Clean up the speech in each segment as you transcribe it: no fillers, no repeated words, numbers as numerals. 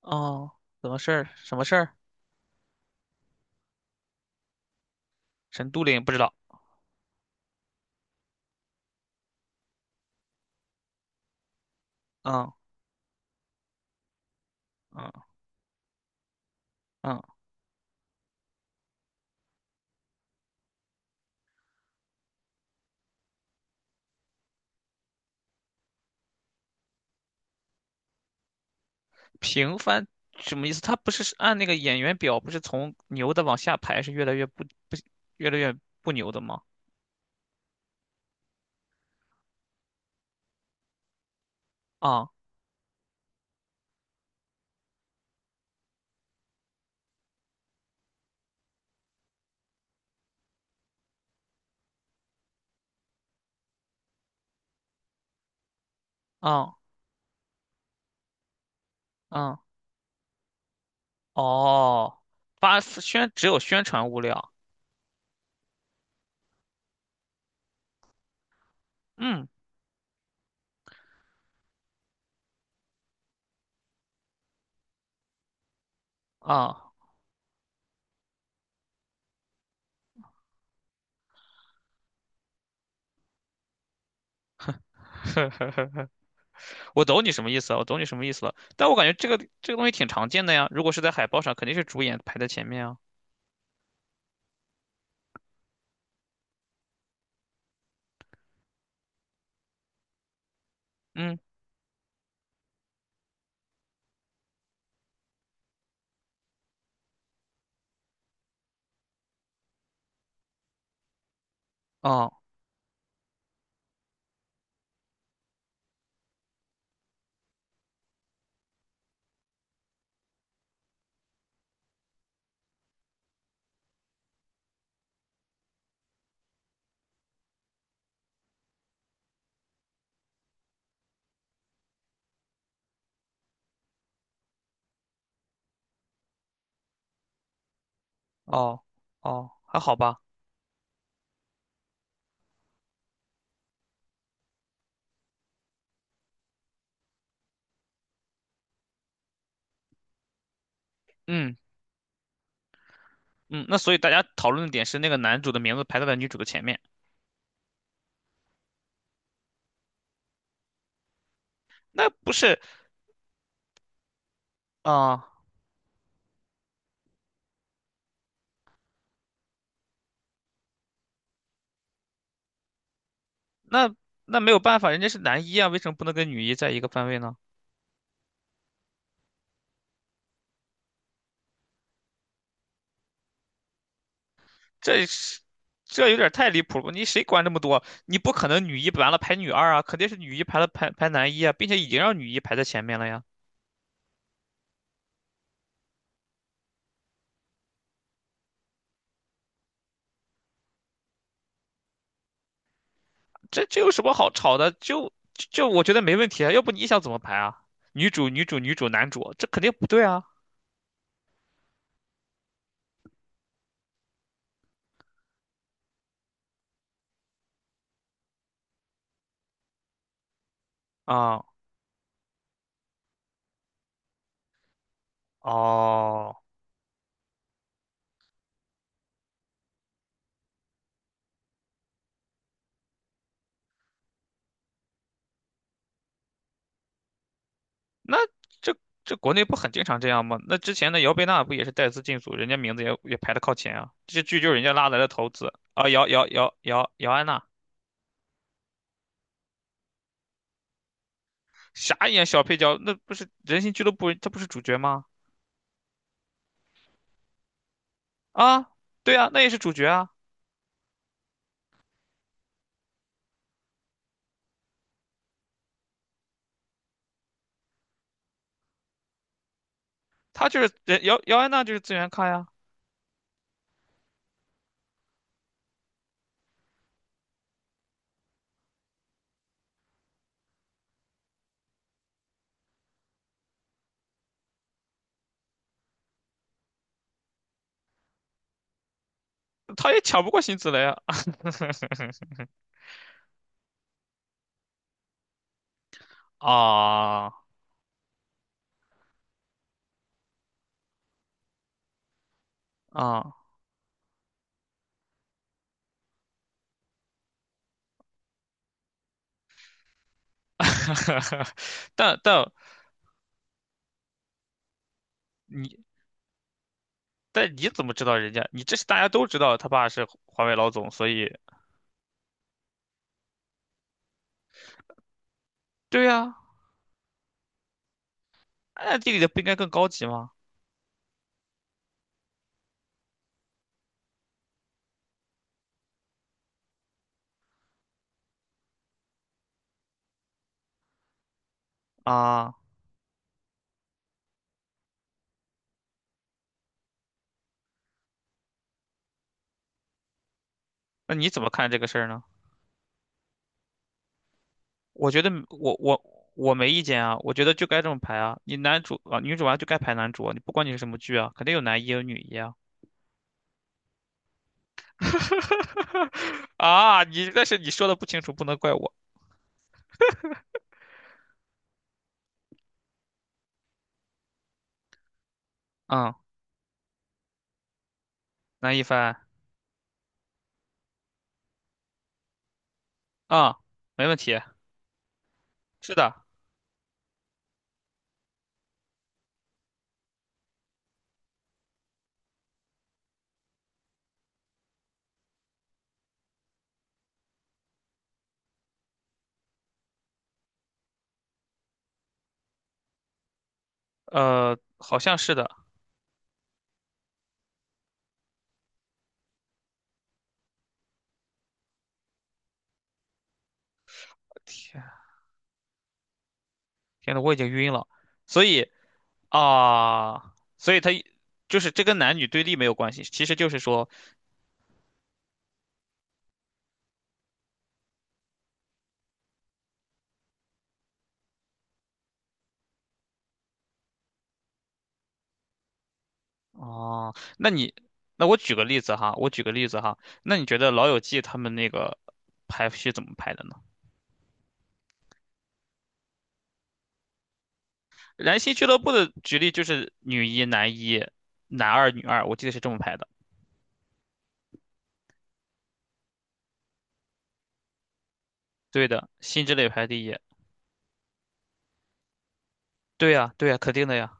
哦，怎么事儿？什么事儿？陈都灵不知道。嗯嗯嗯，平凡什么意思？他不是按那个演员表，不是从牛的往下排，是不越来越不牛的吗？啊啊啊！哦，发宣只有宣传物料。嗯啊，我懂你什么意思了，我懂你什么意思了。但我感觉这个东西挺常见的呀，如果是在海报上，肯定是主演排在前面啊。嗯，哦哦哦，还好吧。嗯。嗯，那所以大家讨论的点是那个男主的名字排在了女主的前面。那不是啊？那那没有办法，人家是男一啊，为什么不能跟女一在一个番位呢？这是这有点太离谱了，你谁管这么多？你不可能女一完了排女二啊，肯定是女一排了排排男一啊，并且已经让女一排在前面了呀。这有什么好吵的？就就就我觉得没问题啊，要不你想怎么排啊？女主女主女主男主，这肯定不对啊！啊哦。那这这国内不很经常这样吗？那之前的姚贝娜不也是带资进组，人家名字也排得靠前啊。这些剧就是人家拉来的投资啊，姚安娜，啥演小配角？那不是人形俱乐部，她不是主角吗？啊，对啊，那也是主角啊。他就是人姚安娜就是资源咖呀。他也抢不过辛芷蕾啊。啊啊，但但你但你怎么知道人家？你这是大家都知道他爸是华为老总，所以对呀，那地理的不应该更高级吗？啊，那你怎么看这个事儿呢？我觉得我没意见啊，我觉得就该这么排啊。你男主啊，女主啊就该排男主啊，你不管你是什么剧啊，肯定有男一有女一啊。啊，你但是你说的不清楚，不能怪我。嗯，男一番啊，没问题，是的，好像是的。天，天呐，我已经晕了。所以啊，所以他就是这跟男女对立没有关系，其实就是说。哦，那我举个例子哈，我举个例子哈，那你觉得《老友记》他们那个排序怎么排的呢？燃心俱乐部的举例就是女一、男一、男二、女二，我记得是这么排的。对的，辛芷蕾排第一。对呀，对呀，肯定的呀。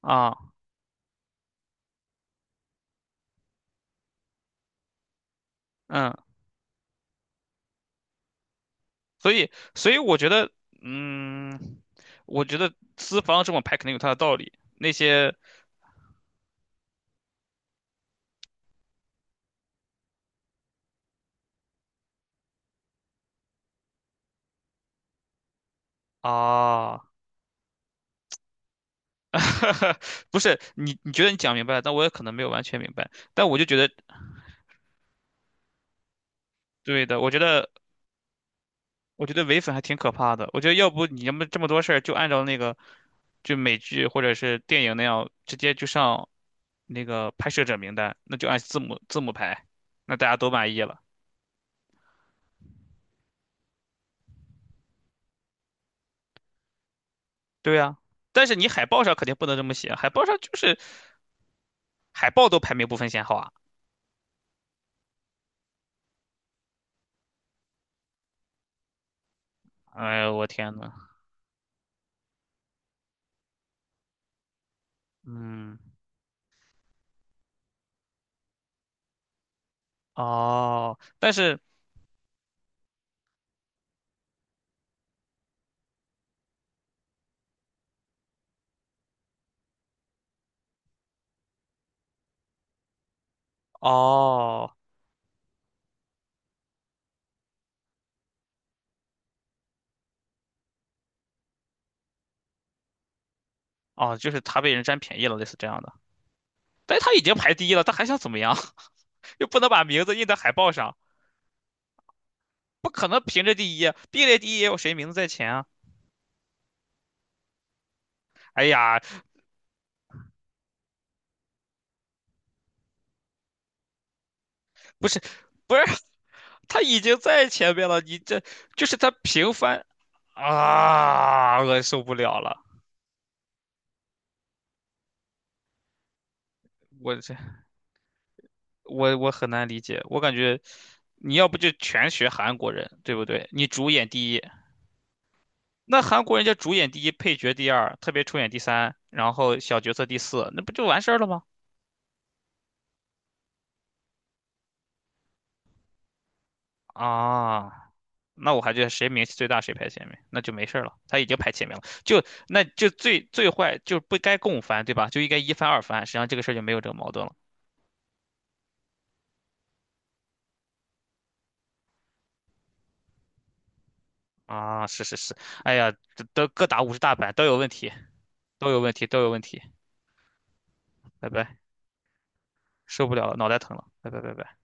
啊，嗯，所以我觉得，嗯，我觉得资方这么排肯定有他的道理。那些啊，不是你，你觉得你讲明白了，但我也可能没有完全明白。但我就觉得，对的，我觉得伪粉还挺可怕的。我觉得要不你要么这么多事儿，就按照那个就美剧或者是电影那样，直接就上那个拍摄者名单，那就按字母排，那大家都满意了。对呀，但是你海报上肯定不能这么写，海报上就是海报都排名不分先后啊。哎呦我天呐，嗯，哦，但是哦哦，就是他被人占便宜了，类似这样的。但是他已经排第一了，他还想怎么样？又不能把名字印在海报上。不可能凭着第一啊，并列第一也有谁名字在前啊？哎呀，不是，不是，他已经在前面了，你这就是他平翻啊，我受不了了，我这我我很难理解，我感觉你要不就全学韩国人，对不对？你主演第一，那韩国人家主演第一，配角第二，特别出演第三，然后小角色第四，那不就完事儿了吗？啊，那我还觉得谁名气最大谁排前面，那就没事儿了。他已经排前面了，那就最最坏就不该共犯，对吧？就应该一翻二翻，实际上这个事儿就没有这个矛盾了。啊，是是是，哎呀，这都各打五十大板，都有问题，都有问题，都有问题，拜拜，受不了了，脑袋疼了，拜拜拜拜。